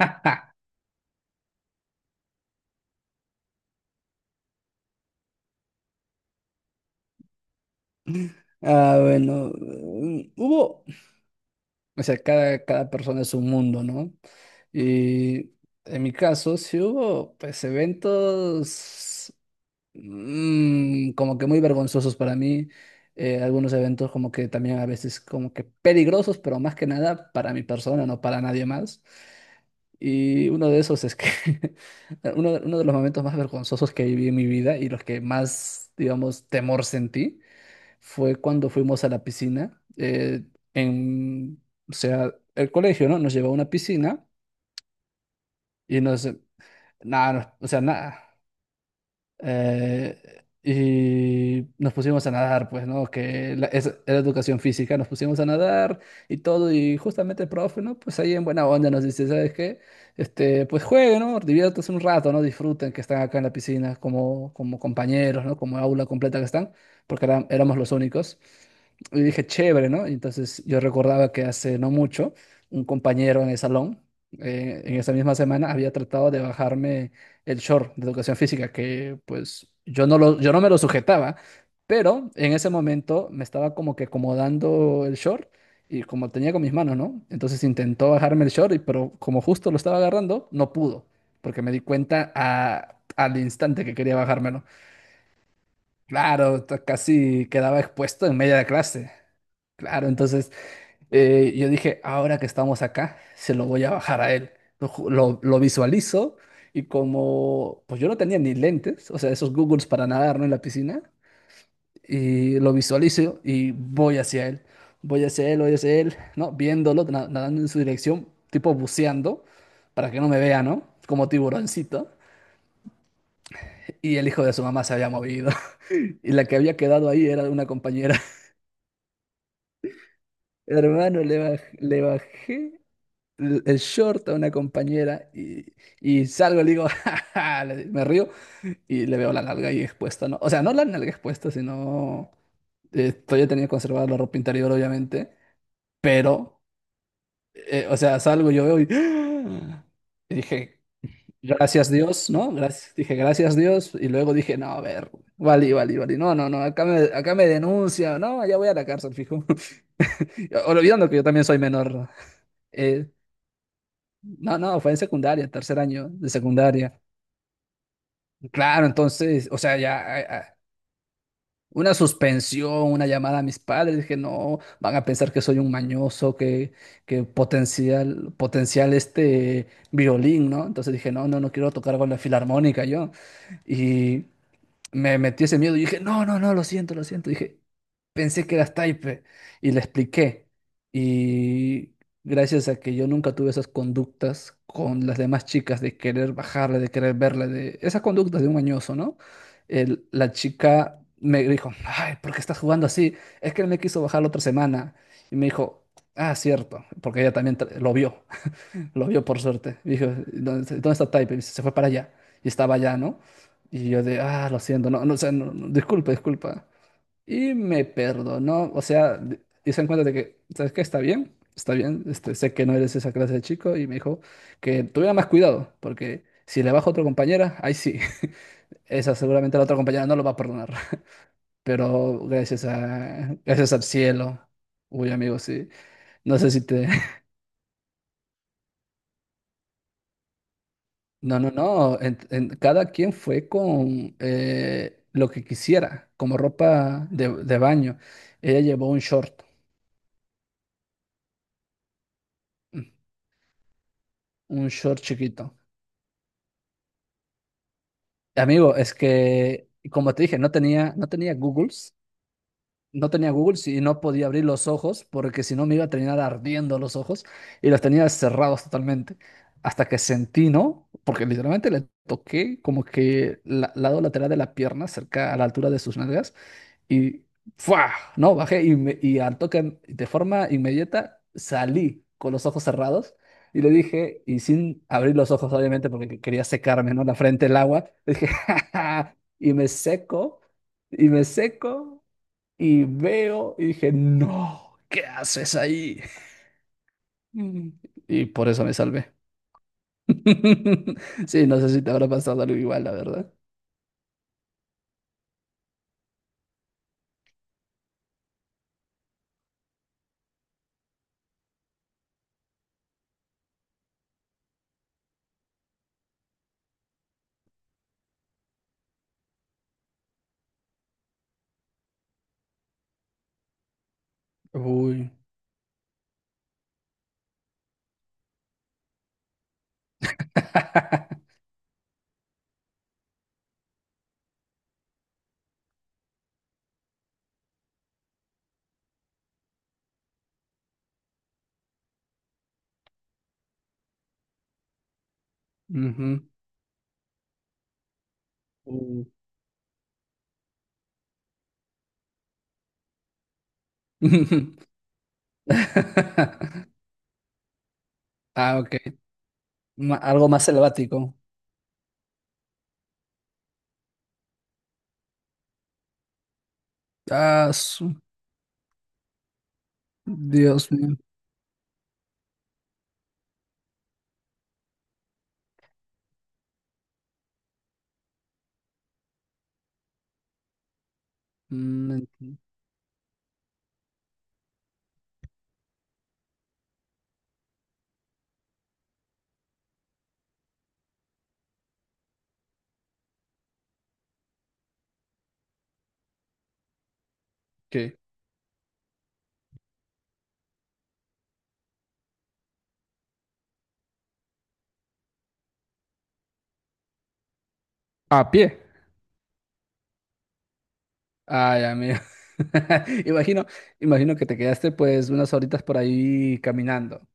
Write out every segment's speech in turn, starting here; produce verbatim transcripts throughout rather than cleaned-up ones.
Ah, bueno, mm, hubo, o sea, cada, cada persona es un mundo, ¿no? Y en mi caso, sí hubo, pues, eventos mm, como que muy vergonzosos para mí, eh, algunos eventos como que también a veces como que peligrosos, pero más que nada para mi persona, no para nadie más. Y uno de esos es que uno, de- uno de los momentos más vergonzosos que viví en mi vida y los que más, digamos, temor sentí fue cuando fuimos a la piscina, eh, en, o sea, el colegio, ¿no? Nos llevó a una piscina y nos, nada, nos- o sea, nada. Eh, y nos pusimos a nadar, pues, ¿no? Que la- es- era educación física, nos pusimos a nadar y todo, y justamente el profe, ¿no? Pues ahí en buena onda nos dice, ¿sabes qué? Este, pues jueguen, ¿no? Diviértanse un rato, ¿no? Disfruten que están acá en la piscina como, como compañeros, ¿no? Como aula completa que están, porque eran- éramos los únicos. Y dije, chévere, ¿no? Y entonces yo recordaba que hace no mucho un compañero en el salón, eh, en esa misma semana, había tratado de bajarme el short de educación física, que pues yo no lo, yo no me lo sujetaba, pero en ese momento me estaba como que acomodando el short y como tenía con mis manos, ¿no? Entonces intentó bajarme el short, y, pero como justo lo estaba agarrando, no pudo, porque me di cuenta a- al instante que quería bajármelo. Claro, t- casi quedaba expuesto en media clase. Claro, entonces eh, yo dije, ahora que estamos acá, se lo voy a bajar a él. Lo, ju- lo- lo visualizo y como, pues yo no tenía ni lentes, o sea, esos Googles para nadar, ¿no? En la piscina, y lo visualizo y voy hacia él, voy hacia él, voy hacia él, ¿no? Viéndolo, na- nadando en su dirección, tipo buceando, para que no me vea, ¿no? Como tiburoncito. Y el hijo de su mamá se había movido. Y la que había quedado ahí era una compañera. Hermano, le baj- le bajé el el short a una compañera y, y salgo, le digo, "Ja, ja", le- me río y le veo la nalga ahí expuesta, ¿no? O sea, no la nalga expuesta, sino eh, todavía tenía conservada la ropa interior, obviamente, pero, eh, o sea, salgo, yo veo y, y dije, gracias Dios, ¿no? Gracias, dije, gracias Dios, y luego dije, no, a ver, vale, vale, vale, no, no, no, acá me, acá me denuncia, no, allá voy a la cárcel, fijo, olvidando que yo también soy menor. Eh, no, no, fue en secundaria, tercer año de secundaria. Claro, entonces, o sea, ya ah, ah, una suspensión, una llamada a mis padres, dije, no, van a pensar que soy un mañoso, que, que potencial, potencial este violín, ¿no? Entonces dije, no, no, no quiero tocar con la filarmónica yo. Y me metí ese miedo y dije, no, no, no, lo siento, lo siento. Dije, pensé que eras Taipe y le expliqué. Y gracias a que yo nunca tuve esas conductas con las demás chicas de querer bajarle, de querer verle, de esas conductas de un añoso, ¿no? El- la chica me dijo, ay, ¿por qué estás jugando así? Es que él me quiso bajar la otra semana. Y me dijo, ah, cierto, porque ella también tra- lo vio, lo vio por suerte. Y dijo, ¿dónde, dónde está Taipe? Y se fue para allá. Y estaba allá, ¿no? Y yo de, ah, lo siento, no, no, o sea, no, no, disculpa, disculpa. Y me perdonó, o sea, di- hice en cuenta de que, ¿sabes qué? Está bien, está bien, este, sé que no eres esa clase de chico y me dijo que tuviera más cuidado, porque si le bajo a otra compañera, ahí sí, esa seguramente la otra compañera no lo va a perdonar. Pero gracias a, gracias al cielo, uy, amigo, sí, no sé si te... No, no, no, en- en- cada quien fue con eh, lo que quisiera, como ropa de, de baño. Ella llevó un short, mm, un short chiquito. Amigo, es que, como te dije, no tenía, no tenía Googles, no tenía Googles y no podía abrir los ojos porque si no me iba a terminar ardiendo los ojos y los tenía cerrados totalmente. Hasta que sentí, ¿no? Porque literalmente le toqué como que el lado lateral de la pierna, cerca a la altura de sus nalgas, y ¡fua! No, bajé y, me- y al toque, de forma inmediata, salí con los ojos cerrados y le dije, y sin abrir los ojos, obviamente, porque que- quería secarme, ¿no? La frente, el agua. Le dije, "Ja, ja". Y me seco, y me seco, y veo, y dije, no, ¿qué haces ahí? Mm. Y por eso me salvé. Sí, no sé si te habrá pasado algo igual, la verdad. Uy. Ujú. Uy. Ah, ok. Ma- algo más selvático. Ah, su- Dios mío. Mm, enti- ¿Qué? A pie. Ay, amigo. Imagino, Imagino que te quedaste pues unas horitas por ahí caminando.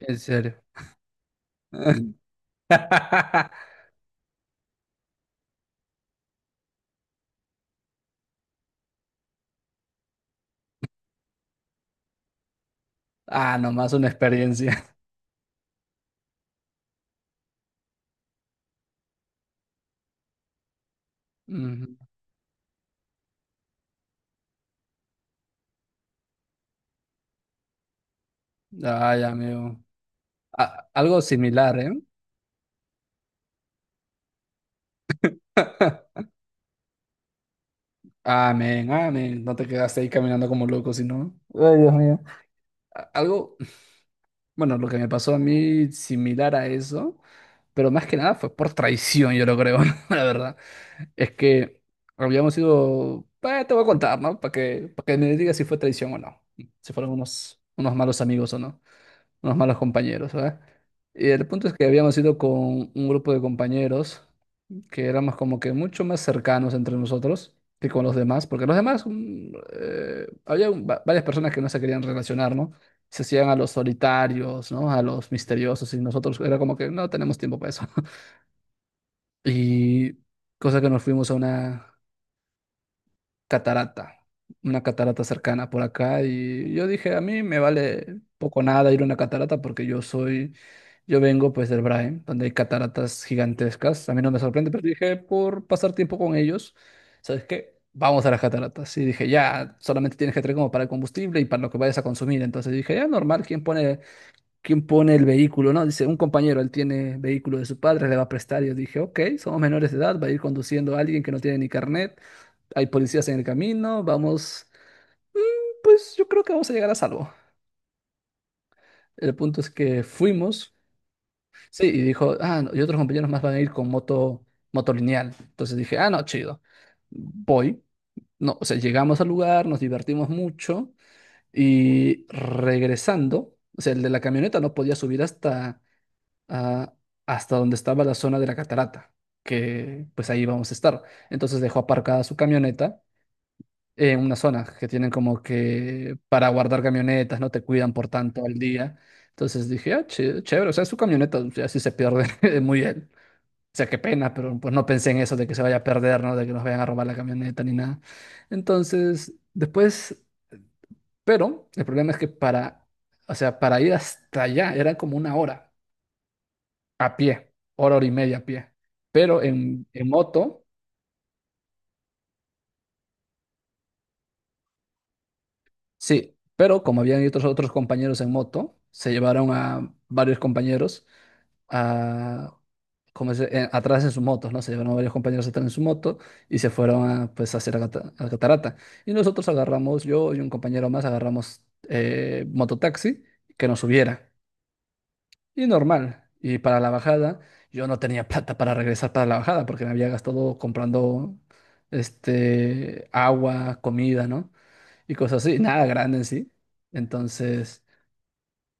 En serio. Ah, nomás una experiencia. Ujú. Ay, amigo. A- algo similar, ¿eh? Amén, amén. No te quedaste ahí caminando como loco, sino. Ay, Dios mío. A- Algo, Bueno, lo que me pasó a mí similar a eso, pero más que nada fue por traición, yo lo creo, la verdad. Es que habíamos ido, eh, te voy a contar, ¿no? Para que, para que me digas si fue traición o no. Si fueron unos, unos malos amigos o no, unos malos compañeros, ¿verdad? Y el punto es que habíamos ido con un grupo de compañeros que éramos como que mucho más cercanos entre nosotros que con los demás, porque los demás, mm, eh, había un- va- varias personas que no se querían relacionar, ¿no? Se hacían a los solitarios, ¿no? A los misteriosos, y nosotros era como que no tenemos tiempo para eso. Y cosa que nos fuimos a una catarata, una catarata cercana por acá y yo dije, a mí me vale poco nada ir a una catarata porque yo soy, yo vengo pues del Brain, donde hay cataratas gigantescas, a mí no me sorprende, pero dije, por pasar tiempo con ellos, ¿sabes qué? Vamos a las cataratas. Y dije, ya, solamente tienes que traer como para el combustible y para lo que vayas a consumir. Entonces dije, ya, normal, ¿quién pone, ¿quién pone el vehículo? No, dice, un compañero, él tiene vehículo de su padre, le va a prestar. Y yo dije, ok, somos menores de edad, va a ir conduciendo a alguien que no tiene ni carnet hay policías en el camino, vamos, pues yo creo que vamos a llegar a salvo. El punto es que fuimos, sí, y dijo, ah, no, y otros compañeros más van a ir con moto, moto lineal. Entonces dije, ah, no, chido, voy. No, o sea, llegamos al lugar, nos divertimos mucho y regresando, o sea, el de la camioneta no podía subir hasta, ah, hasta donde estaba la zona de la catarata, que pues ahí vamos a estar. Entonces dejó aparcada su camioneta en una zona que tienen como que para guardar camionetas, no te cuidan por tanto al día. Entonces dije, ah, ch- chévere, o sea, su camioneta, o sea, si se pierde, muy bien. O sea, qué pena, pero pues no pensé en eso de que se vaya a perder, ¿no? De que nos vayan a robar la camioneta ni nada. Entonces, después, pero el problema es que para, o sea, para ir hasta allá era como una hora a pie, hora, hora y media a pie. Pero en, en moto. Sí, pero como habían otros otros compañeros en moto, se llevaron a varios compañeros a, como se- eh, atrás en sus motos, ¿no? Se llevaron a varios compañeros atrás en su moto y se fueron a, pues, a hacer la cata- la catarata. Y nosotros agarramos, yo y un compañero más, agarramos eh, mototaxi que nos subiera. Y normal. Y para la bajada, yo no tenía plata para regresar para la bajada porque me había gastado comprando este, agua, comida, ¿no? Y cosas así, nada grande en sí. Entonces,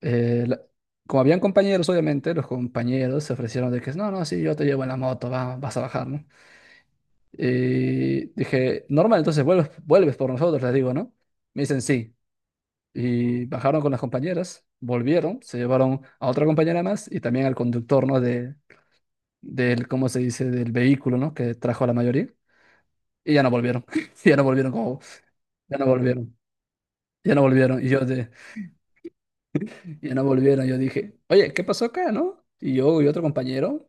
eh, la- como habían compañeros, obviamente, los compañeros se ofrecieron de que no, no, sí, yo te llevo en la moto, va, vas a bajar, ¿no? Y dije, normal, entonces vuelves, vuelves por nosotros, les digo, ¿no? Me dicen sí. Y bajaron con las compañeras, volvieron, se llevaron a otra compañera más y también al conductor, ¿no? De, del, ¿cómo se dice? Del vehículo, ¿no? Que trajo a la mayoría. Y ya no volvieron. Ya no volvieron como, ya no volvieron. Ya no volvieron. Y yo de, ya no volvieron. Yo dije, oye, ¿qué pasó acá, no? Y yo y otro compañero,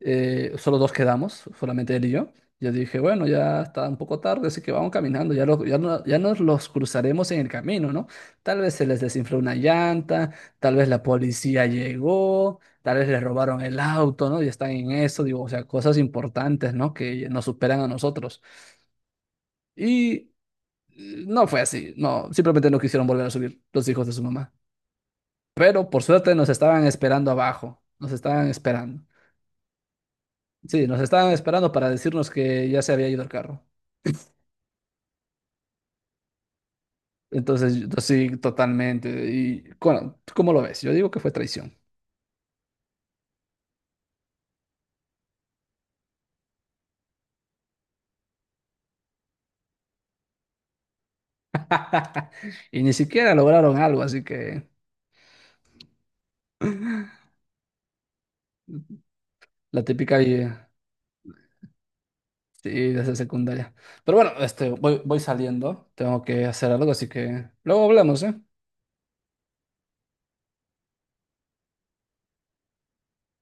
eh, solo dos quedamos, solamente él y yo. Yo dije, bueno, ya está un poco tarde, así que vamos caminando, ya, lo- ya, no- ya nos los cruzaremos en el camino, ¿no? Tal vez se les desinfló una llanta, tal vez la policía llegó, tal vez les robaron el auto, ¿no? Y están en eso, digo, o sea, cosas importantes, ¿no? Que nos superan a nosotros. Y eh, no fue así, no, simplemente no quisieron volver a subir los hijos de su mamá. Pero por suerte nos estaban esperando abajo, nos estaban esperando. Sí, nos estaban esperando para decirnos que ya se había ido el carro. Entonces, yo- sí, totalmente. Y bueno, ¿tú cómo lo ves? Yo digo que fue traición. Y ni siquiera lograron algo, así que la típica y, eh, sí, de esa secundaria. Pero bueno, este, voy, voy saliendo, tengo que hacer algo, así que luego hablamos, ¿eh?